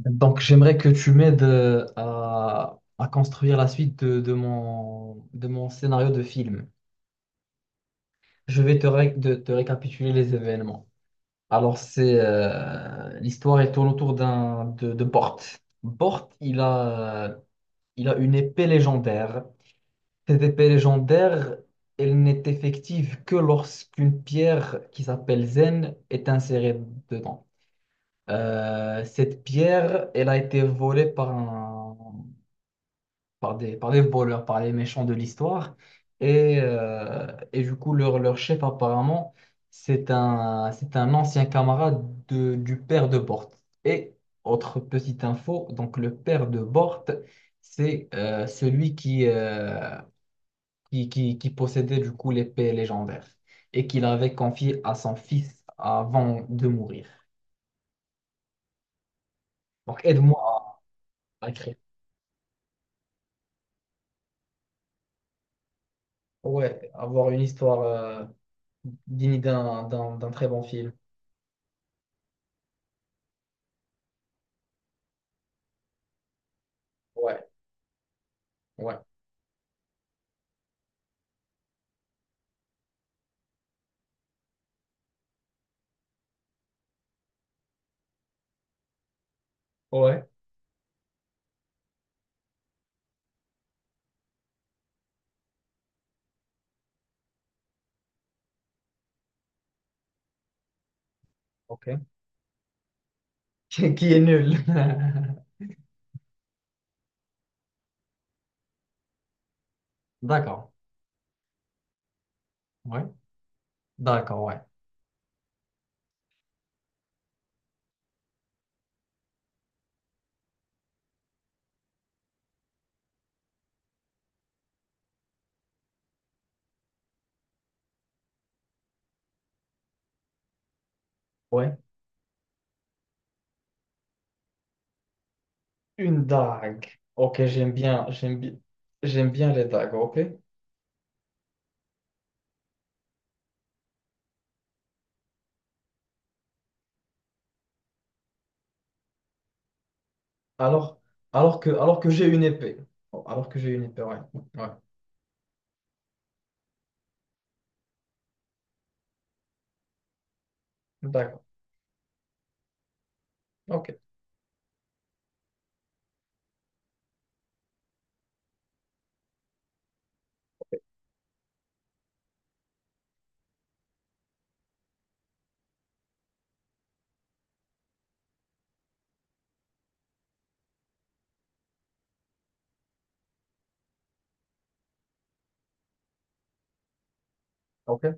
Donc, j'aimerais que tu m'aides à construire la suite de mon scénario de film. Je vais te récapituler les événements. Alors, c'est l'histoire elle tourne autour de Bort. Bort, il a, il a une épée légendaire. Cette épée légendaire, elle n'est effective que lorsqu'une pierre qui s'appelle Zen est insérée dedans. Cette pierre, elle a été volée par par des voleurs, par les méchants de l'histoire. Et du coup, leur chef, apparemment, c'est un ancien camarade du père de Bort. Et autre petite info, donc le père de Bort, c'est celui qui possédait du coup l'épée légendaire et qu'il avait confiée à son fils avant de mourir. Donc aide-moi à écrire. Ouais, avoir une histoire digne d'un très bon film. Ouais, ouais. Ouais, ok. Qui est nul. D'accord. Ouais. D'accord, ouais. Ouais. Une dague. Ok, j'aime bien les dagues, ok? Alors, alors que j'ai une épée. Oh, alors que j'ai une épée, ouais. Ouais. D'accord. Ok. Ok.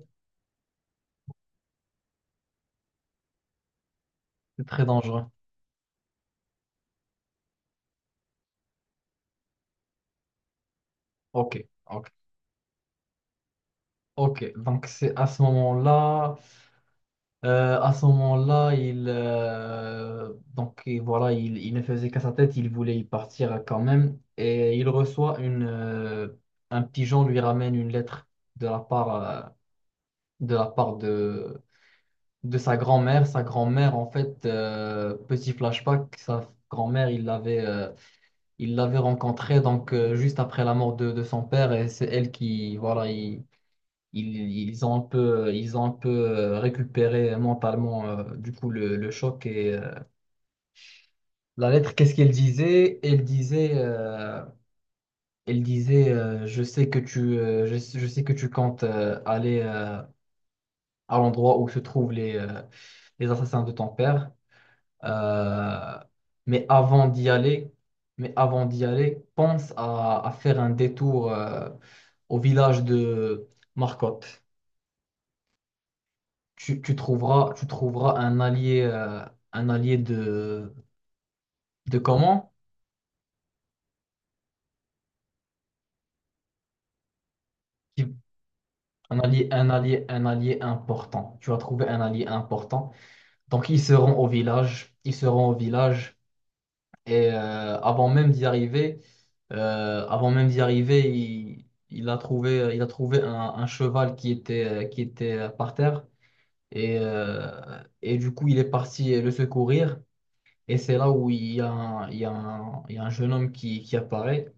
C'est très dangereux. Ok. Ok. Ok. Donc c'est à ce moment-là. À ce moment-là, et voilà, il ne faisait qu'à sa tête, il voulait y partir quand même. Et il reçoit un pigeon lui ramène une lettre de la part, de la part de, de sa grand-mère. Sa grand-mère, en fait, petit flashback, sa grand-mère, il l'avait rencontrée donc, juste après la mort de son père, et c'est elle qui, voilà, ils, ils ont un peu, récupéré mentalement du coup le choc. La lettre, qu'est-ce qu'elle disait? Elle disait, je sais que tu, je sais que tu comptes aller à l'endroit où se trouvent les assassins de ton père. Euh, mais avant d'y aller, mais avant d'y aller, pense à faire un détour au village de Marcotte. Tu trouveras, tu trouveras un allié de comment? Qui- un allié important. Tu vas trouver un allié important. Ils seront au village. Et euh, avant même d'y arriver, Avant même d'y arriver, il a trouvé un cheval qui était, par terre. Et du coup, il est parti le secourir. Et c'est là où il y a un jeune homme qui apparaît.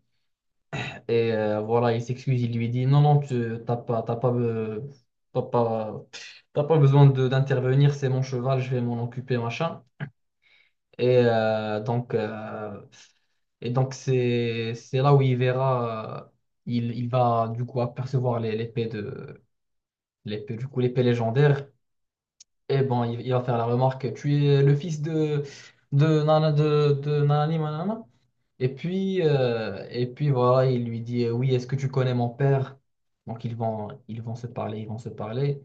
Voilà, il s'excuse, il lui dit, non, non, tu t'as pas, t'as pas, t'as pas, t'as pas besoin d'intervenir, c'est mon cheval, je vais m'en occuper, machin. Et euh, donc, euh, et donc c'est là où il verra, il va du coup apercevoir l'épée de, l'épée, du coup, l'épée légendaire. Et bon, il va faire la remarque, tu es le fils de, de nanani, manana. Et puis voilà, il lui dit, oui, est-ce que tu connais mon père? Ils vont se parler, ils vont se parler.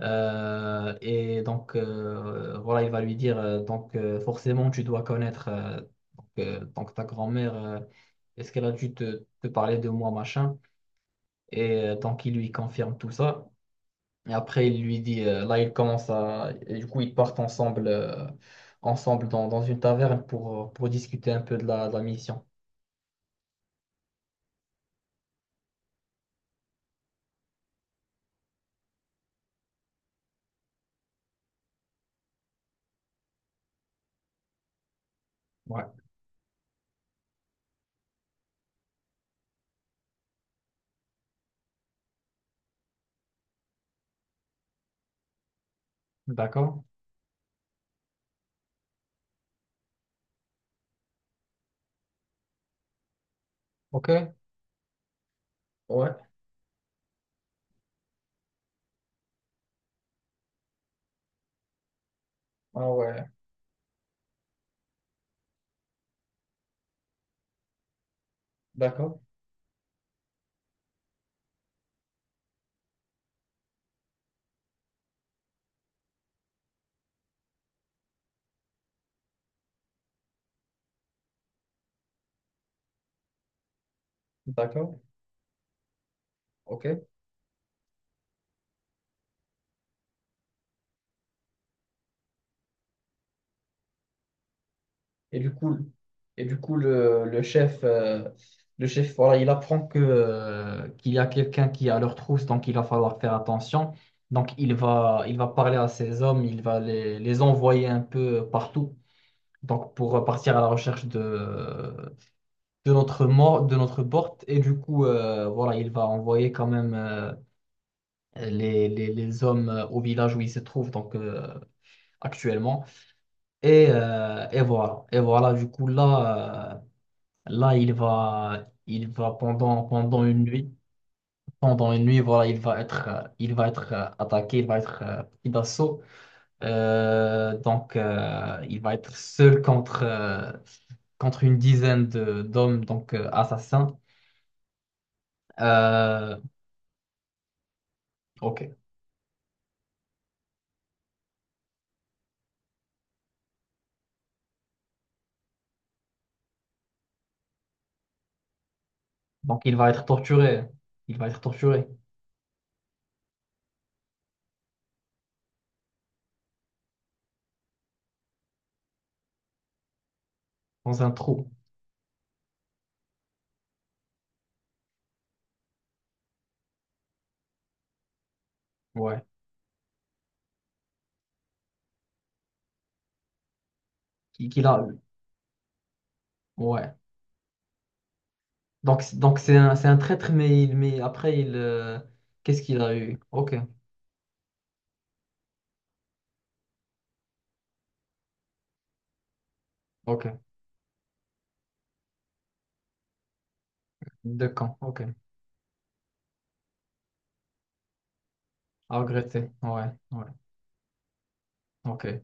Voilà, il va lui dire, forcément tu dois connaître donc ta grand-mère, est-ce qu'elle a dû te parler de moi, machin? Donc il lui confirme tout ça. Et après il lui dit, là il commence à, et du coup ils partent ensemble, ensemble dans, dans une taverne pour discuter un peu de la mission. Ouais, d'accord. Ok, ouais, ah ouais, d'accord, d'accord, ok. Et du coup, et du coup le chef, voilà, il apprend qu'il y a quelqu'un qui est à leur trousse, donc il va falloir faire attention. Il va parler à ses hommes, il va les envoyer un peu partout, donc pour partir à la recherche de notre mort, de notre porte. Voilà, il va envoyer quand même les hommes au village où ils se trouvent, actuellement. Et voilà, du coup, là il va pendant, pendant une nuit, voilà, il va être attaqué, il va être pris d'assaut. Il va être seul contre, contre une dizaine d'hommes, assassins. Euh, ok. Donc, il va être torturé. Il va être torturé dans un trou. Ouais. Qu'il a. Ouais. Donc, c'est un traître, mais, il, mais après, qu'est-ce qu'il a eu? Ok, ok. De camp, ok. À regretter, ouais, ouais, ok.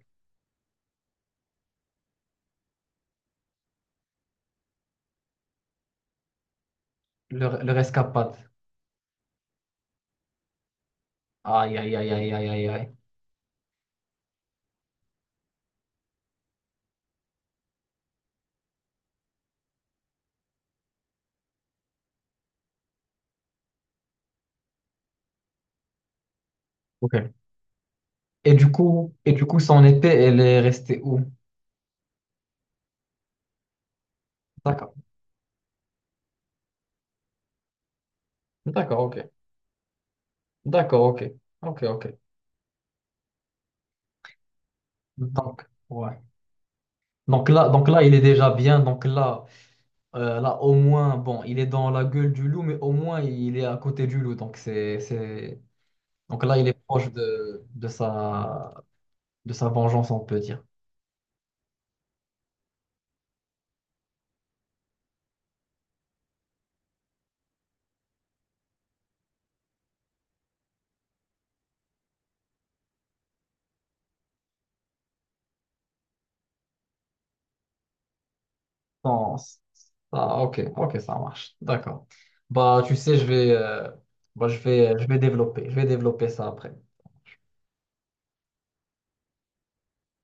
Le rescapade. Aïe, aïe, aïe, aïe, aïe, aïe, aïe. Ok. Son épée, elle est restée où? D'accord, d'accord, ok. D'accord, ok. Ok, ok. Donc, ouais. Il est déjà bien. Là, au moins, bon, il est dans la gueule du loup, mais au moins, il est à côté du loup. Donc, c'est, donc là, il est proche de sa vengeance, on peut dire. Non, c- Ah, ok, ok, ça marche. D'accord. Bah, tu sais, je vais développer. Je vais développer ça après.